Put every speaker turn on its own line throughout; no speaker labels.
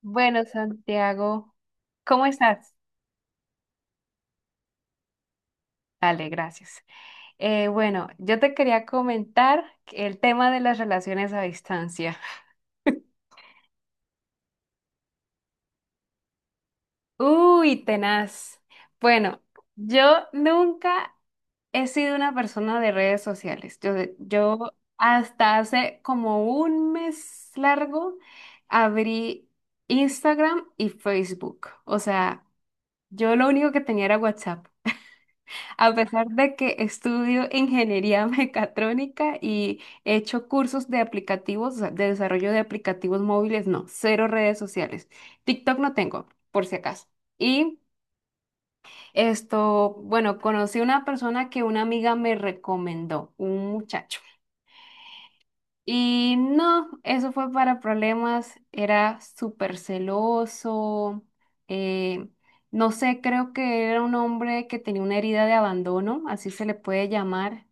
Bueno, Santiago, ¿cómo estás? Dale, gracias. Bueno, yo te quería comentar el tema de las relaciones a distancia. Uy, tenaz. Bueno, yo nunca he sido una persona de redes sociales. Yo hasta hace como un mes largo abrí Instagram y Facebook. O sea, yo lo único que tenía era WhatsApp. A pesar de que estudio ingeniería mecatrónica y he hecho cursos de aplicativos, o sea, de desarrollo de aplicativos móviles, no, cero redes sociales. TikTok no tengo, por si acaso. Y esto, bueno, conocí una persona que una amiga me recomendó, un muchacho. Y no, eso fue para problemas, era súper celoso, eh, no sé, creo que era un hombre que tenía una herida de abandono, así se le puede llamar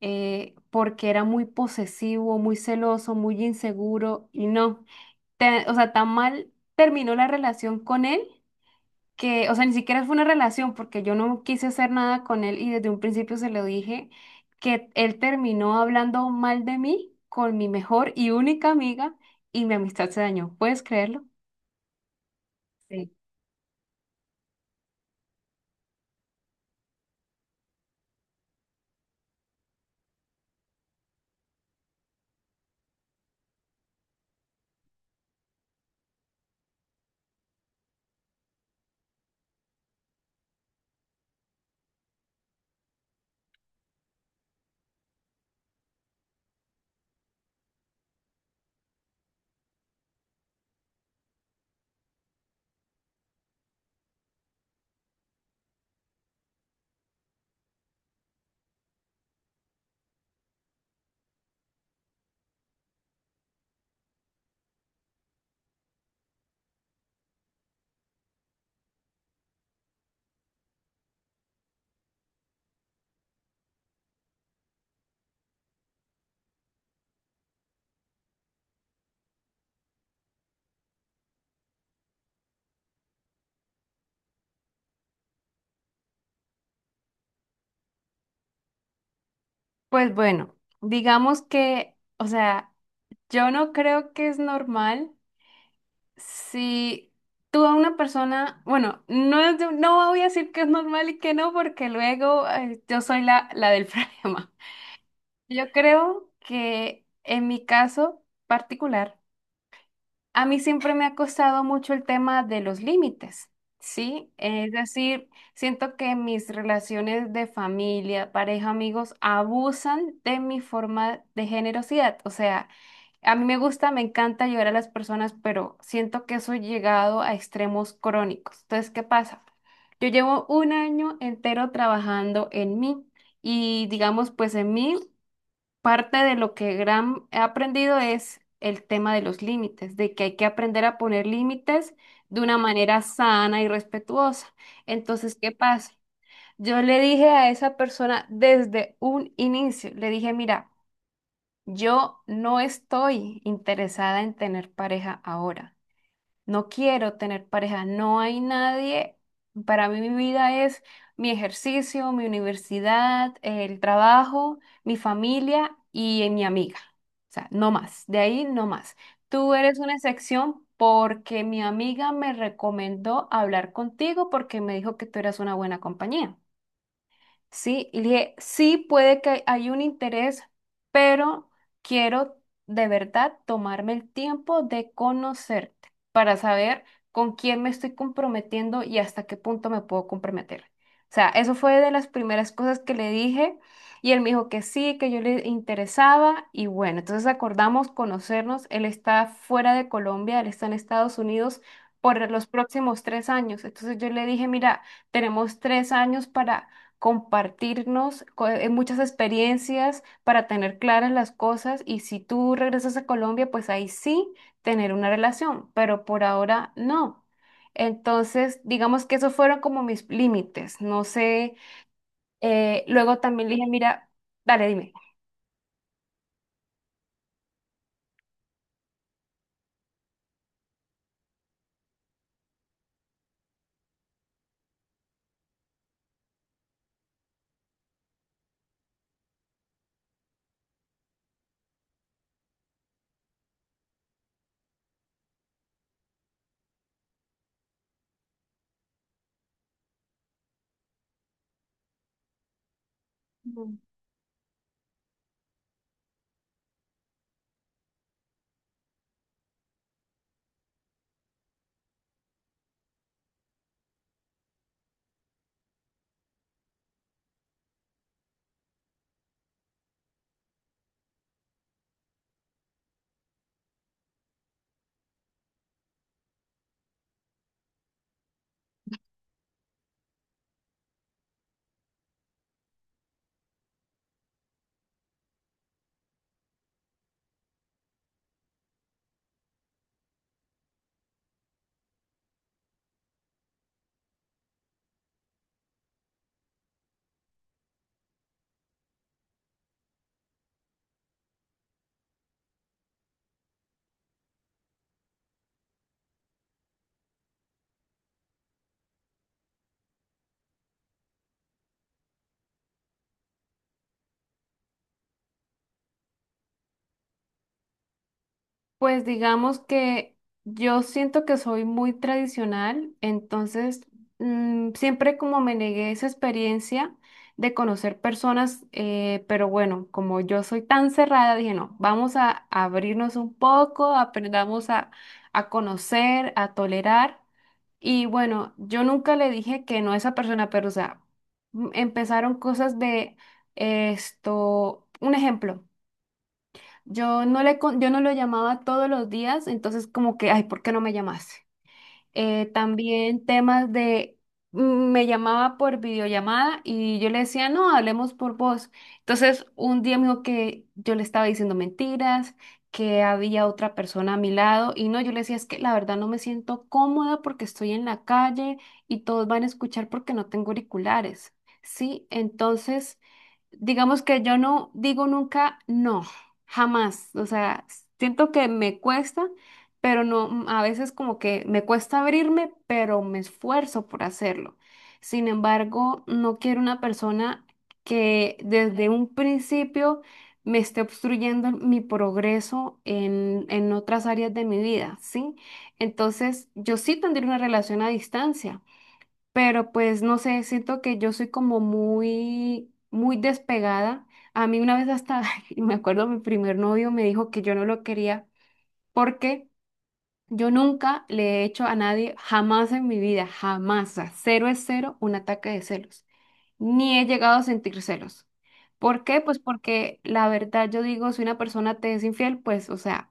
porque era muy posesivo, muy celoso, muy inseguro y no, o sea, tan mal terminó la relación con él que, o sea, ni siquiera fue una relación porque yo no quise hacer nada con él y desde un principio se lo dije que él terminó hablando mal de mí con mi mejor y única amiga y mi amistad se dañó. ¿Puedes creerlo? Sí. Pues bueno, digamos que, o sea, yo no creo que es normal. Si tú a una persona, bueno, no, es no voy a decir que es normal y que no, porque luego yo soy la del problema. Yo creo que en mi caso particular, a mí siempre me ha costado mucho el tema de los límites, ¿sí? Es decir, siento que mis relaciones de familia, pareja, amigos, abusan de mi forma de generosidad. O sea, a mí me gusta, me encanta ayudar a las personas, pero siento que eso ha llegado a extremos crónicos. Entonces, ¿qué pasa? Yo llevo un año entero trabajando en mí y digamos, pues en mí parte de lo que gran he aprendido es el tema de los límites, de que hay que aprender a poner límites de una manera sana y respetuosa. Entonces, ¿qué pasa? Yo le dije a esa persona desde un inicio, le dije, mira, yo no estoy interesada en tener pareja ahora. No quiero tener pareja. No hay nadie. Para mí mi vida es mi ejercicio, mi universidad, el trabajo, mi familia y mi amiga. O sea, no más. De ahí no más. Tú eres una excepción porque mi amiga me recomendó hablar contigo porque me dijo que tú eras una buena compañía. Sí, y le dije, sí puede que hay un interés, pero quiero de verdad tomarme el tiempo de conocerte para saber con quién me estoy comprometiendo y hasta qué punto me puedo comprometer. O sea, eso fue de las primeras cosas que le dije y él me dijo que sí, que yo le interesaba y bueno, entonces acordamos conocernos. Él está fuera de Colombia, él está en Estados Unidos por los próximos tres años. Entonces yo le dije, mira, tenemos tres años para muchas experiencias para tener claras las cosas y si tú regresas a Colombia, pues ahí sí tener una relación, pero por ahora no. Entonces, digamos que esos fueron como mis límites. No sé, luego también le dije, mira, dale, dime. Pues digamos que yo siento que soy muy tradicional, entonces siempre como me negué esa experiencia de conocer personas, pero bueno, como yo soy tan cerrada, dije, no, vamos a abrirnos un poco, aprendamos a conocer, a tolerar. Y bueno, yo nunca le dije que no a esa persona, pero o sea, empezaron cosas de esto, un ejemplo. Yo no le, yo no lo llamaba todos los días, entonces como que, ay, ¿por qué no me llamaste? También temas de, mm, me llamaba por videollamada y yo le decía, no, hablemos por voz. Entonces un día me dijo que yo le estaba diciendo mentiras, que había otra persona a mi lado y no, yo le decía, es que la verdad no me siento cómoda porque estoy en la calle y todos van a escuchar porque no tengo auriculares. Sí, entonces digamos que yo no digo nunca no, jamás. O sea, siento que me cuesta, pero no, a veces como que me cuesta abrirme, pero me esfuerzo por hacerlo. Sin embargo, no quiero una persona que desde un principio me esté obstruyendo mi progreso en otras áreas de mi vida, ¿sí? Entonces, yo sí tendría una relación a distancia, pero pues no sé, siento que yo soy como muy, muy despegada. A mí una vez hasta, me acuerdo, mi primer novio me dijo que yo no lo quería porque yo nunca le he hecho a nadie, jamás en mi vida, jamás, a cero es cero, un ataque de celos. Ni he llegado a sentir celos. ¿Por qué? Pues porque la verdad yo digo, si una persona te es infiel, pues, o sea...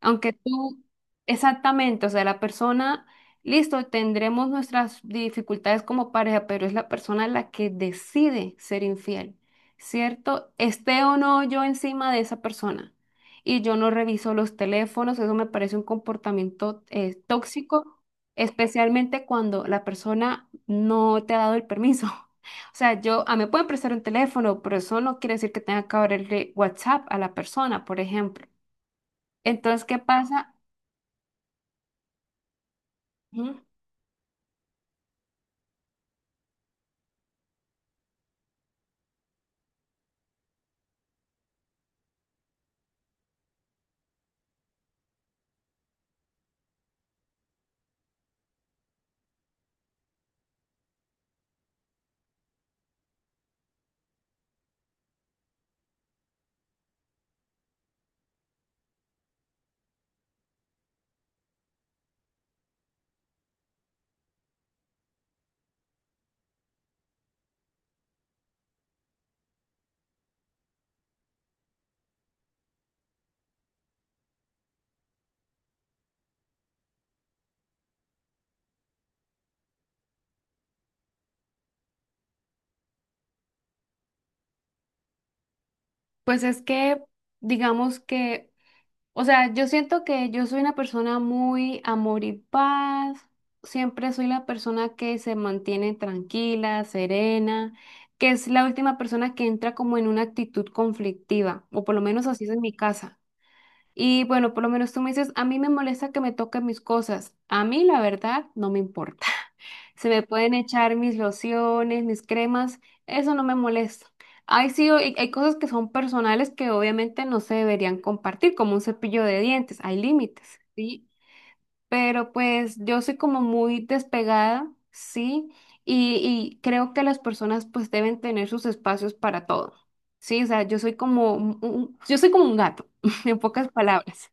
Aunque tú, exactamente, o sea, la persona, listo, tendremos nuestras dificultades como pareja, pero es la persona la que decide ser infiel, ¿cierto? Esté o no yo encima de esa persona. Y yo no reviso los teléfonos, eso me parece un comportamiento tóxico, especialmente cuando la persona no te ha dado el permiso. O sea, yo, a me pueden prestar un teléfono, pero eso no quiere decir que tenga que abrirle WhatsApp a la persona, por ejemplo. Entonces, ¿qué pasa? Ujú. Pues es que, digamos que, o sea, yo siento que yo soy una persona muy amor y paz, siempre soy la persona que se mantiene tranquila, serena, que es la última persona que entra como en una actitud conflictiva, o por lo menos así es en mi casa. Y bueno, por lo menos tú me dices, a mí me molesta que me toquen mis cosas, a mí la verdad no me importa. Se me pueden echar mis lociones, mis cremas, eso no me molesta. Hay sí, hay cosas que son personales que obviamente no se deberían compartir, como un cepillo de dientes, hay límites, ¿sí? Pero pues yo soy como muy despegada, ¿sí? Y, y creo que las personas pues deben tener sus espacios para todo, ¿sí? O sea, yo soy como un, yo soy como un gato, en pocas palabras.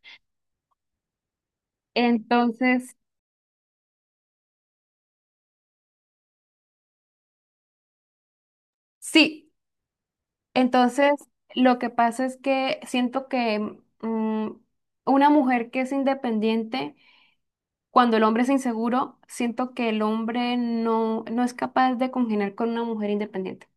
Entonces, sí. Entonces, lo que pasa es que siento que mm, una mujer que es independiente, cuando el hombre es inseguro, siento que el hombre no, no es capaz de congeniar con una mujer independiente.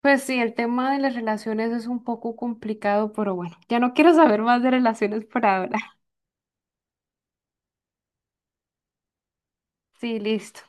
Pues sí, el tema de las relaciones es un poco complicado, pero bueno, ya no quiero saber más de relaciones por ahora. Sí, listo.